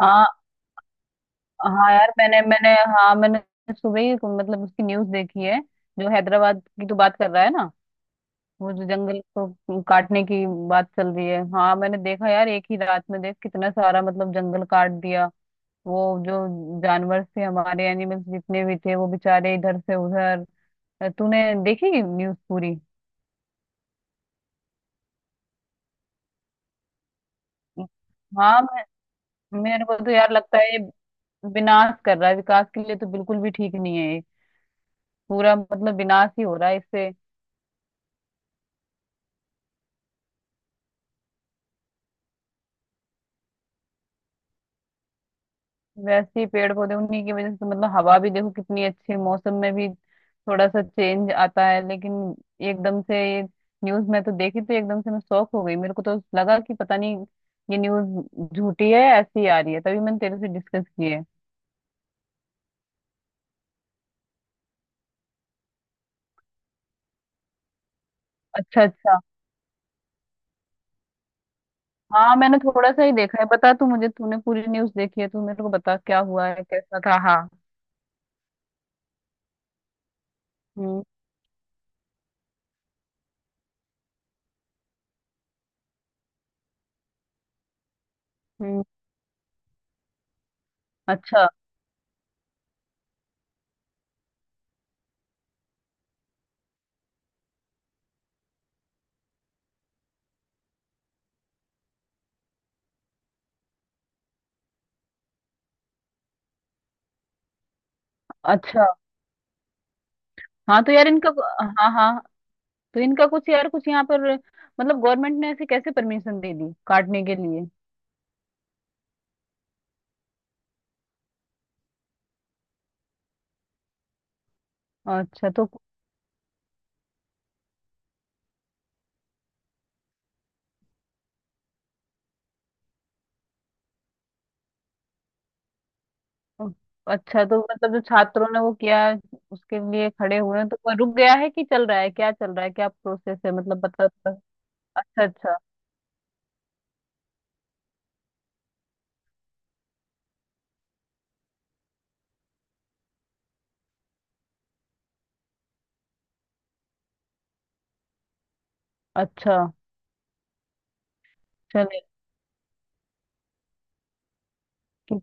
हाँ हाँ यार मैंने मैंने हाँ मैंने सुबह ही मतलब उसकी न्यूज़ देखी है। जो हैदराबाद की तो बात कर रहा है ना, वो जो जंगल को काटने की बात चल रही है। हाँ, मैंने देखा यार, एक ही रात में देख कितना सारा मतलब जंगल काट दिया। वो जो जानवर थे, हमारे एनिमल्स जितने भी थे, वो बेचारे इधर से उधर। तूने देखी न्यूज़ पूरी? हाँ, मेरे को तो यार लगता है ये विनाश कर रहा है, विकास के लिए तो बिल्कुल भी ठीक नहीं है ये। पूरा मतलब विनाश ही हो रहा है इससे। वैसे ही पेड़ पौधे, उन्हीं की वजह से मतलब हवा भी देखो कितनी अच्छी है, मौसम में भी थोड़ा सा चेंज आता है। लेकिन एकदम से ये न्यूज में तो देखी तो एकदम से मैं शॉक हो गई। मेरे को तो लगा कि पता नहीं ये न्यूज झूठी है या ऐसी ही आ रही है, तभी मैंने तेरे से डिस्कस की है। अच्छा अच्छा। हाँ, मैंने थोड़ा सा ही देखा है। बता तू मुझे, तूने पूरी न्यूज देखी है, तू मेरे को बता क्या हुआ है, कैसा था, हाँ। हम्म। हम्म। अच्छा। अच्छा। हाँ तो यार इनका, हाँ हाँ, तो इनका कुछ यार, कुछ यहाँ पर मतलब गवर्नमेंट ने ऐसे कैसे परमिशन दे दी काटने के लिए? अच्छा तो अच्छा तो मतलब जो छात्रों ने वो किया, उसके लिए खड़े हुए हैं, तो वो रुक गया है कि चल रहा है? क्या चल रहा है, क्या प्रोसेस है, मतलब पता पता- अच्छा अच्छा। अच्छा, चले कि-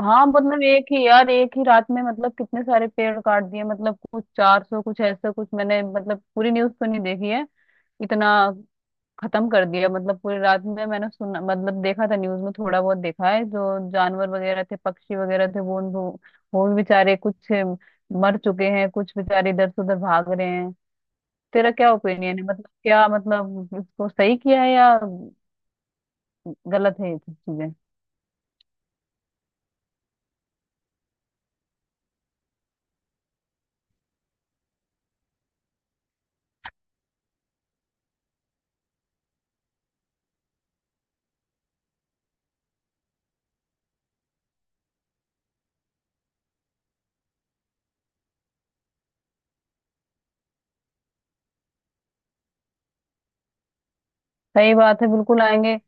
हाँ मतलब एक ही यार, एक ही रात में मतलब कितने सारे पेड़ काट दिए, मतलब कुछ 400 कुछ ऐसा कुछ, मैंने मतलब पूरी न्यूज़ तो नहीं देखी है। इतना खत्म कर दिया मतलब पूरी रात में, मैंने सुना मतलब देखा था न्यूज में थोड़ा बहुत देखा है। जो जानवर वगैरह थे, पक्षी वगैरह थे, वो उन- वो भी बेचारे कुछ मर चुके हैं, कुछ बेचारे इधर से उधर भाग रहे हैं। तेरा क्या ओपिनियन है मतलब, क्या मतलब इसको सही किया है या गलत है ये सब चीजें? सही बात है, बिल्कुल आएंगे।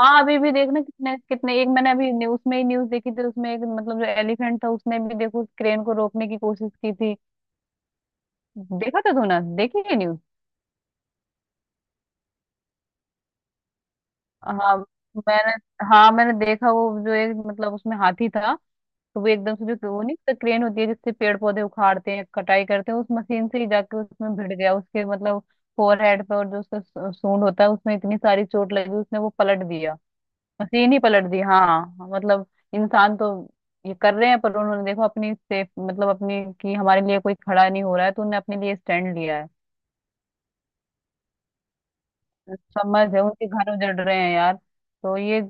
हाँ, अभी भी देखना कितने कितने, एक मैंने अभी न्यूज में ही न्यूज देखी थी, उसमें एक मतलब जो एलिफेंट था, उसने भी देखो क्रेन को रोकने की कोशिश की थी। देखा था, तूने देखी है न्यूज? हाँ मैंने, हाँ मैंने देखा, वो जो एक मतलब उसमें हाथी था। तो वो एकदम से, जो वो, नहीं तो क्रेन होती है जिससे पेड़ पौधे उखाड़ते हैं कटाई करते हैं, उस मशीन से ही जाके उसमें भिड़ गया, उसके मतलब फोरहेड पे। और जो उसका सूंड होता है, उसमें इतनी सारी चोट लगी, उसने वो पलट दिया, मशीन ही पलट दी। हाँ मतलब इंसान तो ये कर रहे हैं, पर उन्होंने देखो अपनी सेफ मतलब अपनी, कि हमारे लिए कोई खड़ा नहीं हो रहा है तो उन्होंने अपने लिए स्टैंड लिया है। समझ है, उनके घर उजड़ रहे हैं यार तो ये।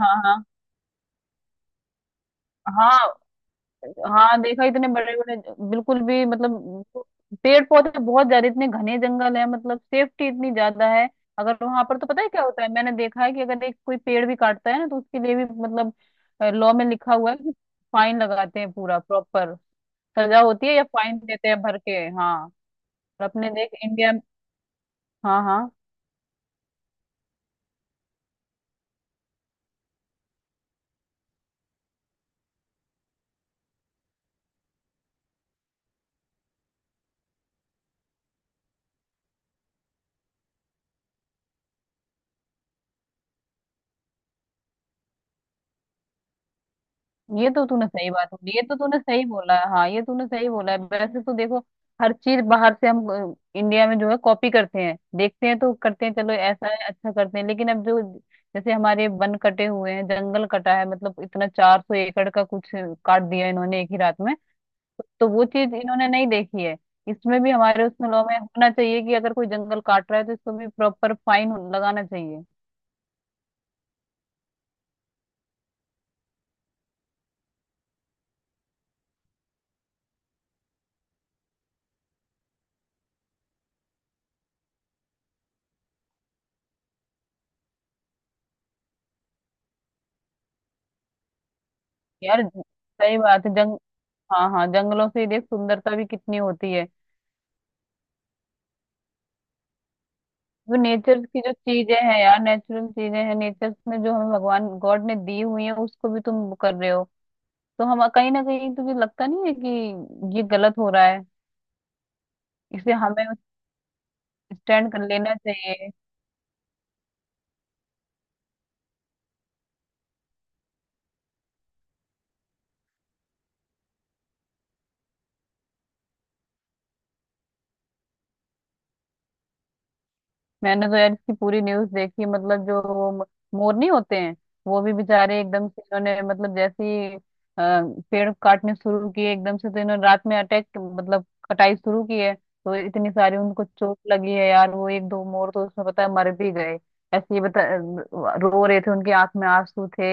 हाँ हाँ। हाँ हाँ, देखा, इतने बड़े बड़े, बिल्कुल भी मतलब पेड़ पौधे बहुत ज्यादा, इतने घने जंगल है, मतलब सेफ्टी इतनी ज्यादा है। अगर वहां पर तो पता है क्या होता है, मैंने देखा है कि अगर एक कोई पेड़ भी काटता है ना, तो उसके लिए भी मतलब लॉ में लिखा हुआ है कि फाइन लगाते हैं पूरा प्रॉपर। सजा होती है या फाइन देते हैं भर के। हाँ। और अपने देख इंडिया। हाँ हाँ, ये तो तूने सही बात बोली, ये तो तूने सही बोला है, हाँ ये तूने सही बोला है वैसे, तो देखो हर चीज बाहर से हम इंडिया में जो है कॉपी करते हैं, देखते हैं तो करते हैं, चलो ऐसा है, अच्छा करते हैं। लेकिन अब जो, जैसे हमारे वन कटे हुए हैं, जंगल कटा है मतलब इतना 400 एकड़ का कुछ काट दिया इन्होंने एक ही रात में। तो वो चीज इन्होंने नहीं देखी है। इसमें भी हमारे, उसमें लॉ में होना चाहिए कि अगर कोई जंगल काट रहा है तो इसको भी प्रॉपर फाइन लगाना चाहिए। यार सही बात है जंग हाँ हाँ, जंगलों से देख सुंदरता भी कितनी होती है। वो नेचर की जो चीजें हैं यार, नेचुरल चीजें हैं, नेचर में जो हमें भगवान गॉड ने दी हुई है, उसको भी तुम वो कर रहे हो। तो हम कहीं ना कहीं, तुझे लगता नहीं है कि ये गलत हो रहा है? इसलिए हमें स्टैंड कर लेना चाहिए। मैंने तो यार इसकी पूरी न्यूज देखी मतलब, जो वो मोर नहीं होते हैं, वो भी बेचारे एकदम से, इन्होंने मतलब जैसे ही पेड़ काटने शुरू किए, एकदम से तो इन्होंने रात में अटैक मतलब कटाई शुरू की है, तो इतनी सारी उनको चोट लगी है यार। वो एक दो मोर तो उसमें पता है मर भी गए। ऐसे ही बता, रो रहे थे, उनकी आंख में आंसू थे।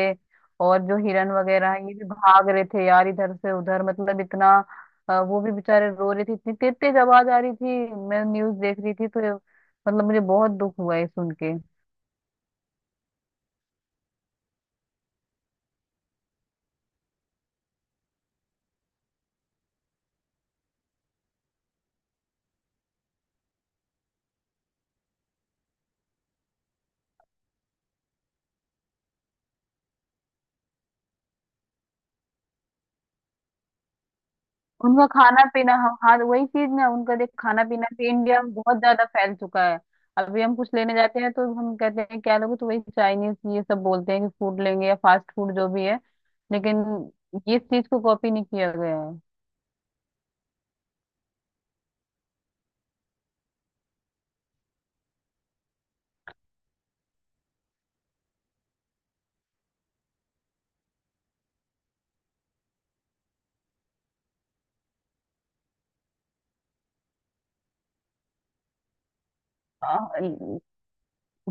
और जो हिरन वगैरह हैं, ये भी भाग रहे थे यार इधर से उधर, मतलब इतना। वो भी बेचारे रो रहे थे, इतनी तेज तेज आवाज आ रही थी। मैं न्यूज देख रही थी, तो मतलब मुझे बहुत दुख हुआ है सुन के। उनका खाना पीना, हम, हाँ वही चीज ना, उनका देख खाना पीना भी इंडिया में बहुत ज्यादा फैल चुका है। अभी हम कुछ लेने जाते हैं तो हम कहते हैं क्या लोगे, तो वही चाइनीज ये सब बोलते हैं कि फूड लेंगे या फास्ट फूड जो भी है। लेकिन इस चीज को कॉपी नहीं किया गया है। आ,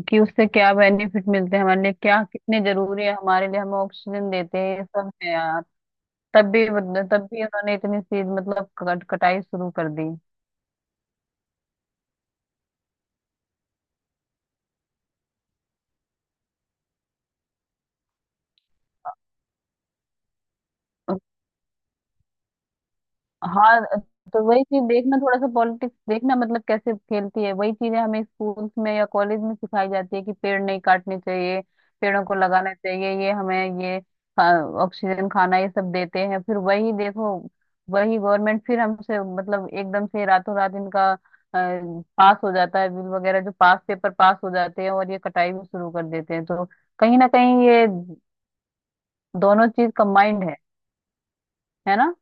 कि उससे क्या बेनिफिट मिलते हैं हमारे लिए, क्या कितने जरूरी है हमारे लिए, हमें ऑक्सीजन देते हैं, ये सब है यार। तब भी तब भी उन्होंने इतनी चीज मतलब कटाई शुरू कर दी। हाँ तो वही चीज देखना, थोड़ा सा पॉलिटिक्स देखना मतलब कैसे खेलती है। वही चीजें हमें स्कूल्स में या कॉलेज में सिखाई जाती है कि पेड़ नहीं काटने चाहिए, पेड़ों को लगाना चाहिए, ये हमें ये ऑक्सीजन खाना ये सब देते हैं। फिर वही देखो वही गवर्नमेंट फिर हमसे मतलब एकदम से रातों रात इनका पास हो जाता है, बिल वगैरह जो पास, पेपर पास हो जाते हैं और ये कटाई भी शुरू कर देते हैं। तो कहीं ना कहीं ये दोनों चीज कंबाइंड है ना?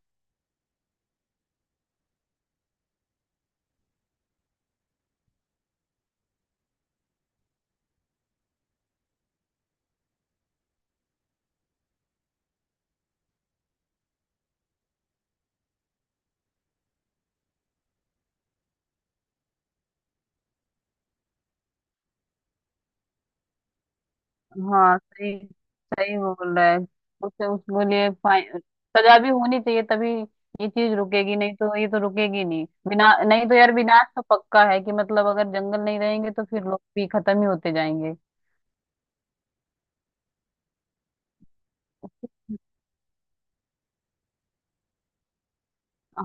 हाँ। सही, सही बोल रहा है। उसे उसके लिए फाइन, सजा भी होनी चाहिए, तभी ये चीज रुकेगी। नहीं तो ये तो रुकेगी नहीं बिना, नहीं तो यार विनाश तो पक्का है कि मतलब अगर जंगल नहीं रहेंगे तो फिर लोग भी खत्म ही होते जाएंगे।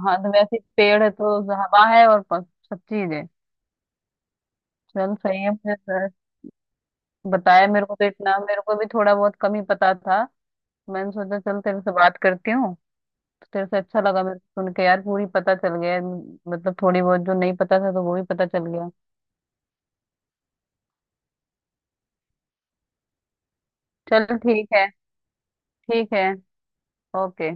हाँ तो वैसे पेड़ है तो हवा है और सब चीज है। चल सही है, मुझे तो बताया। मेरे को तो इतना, मेरे को भी थोड़ा बहुत कम ही पता था। मैंने सोचा चल तेरे से बात करती हूँ। तेरे से अच्छा लगा मेरे को सुन के यार, पूरी पता चल गया है। मतलब थोड़ी बहुत जो नहीं पता था तो वो भी पता चल गया। चल ठीक है। ठीक है। ओके।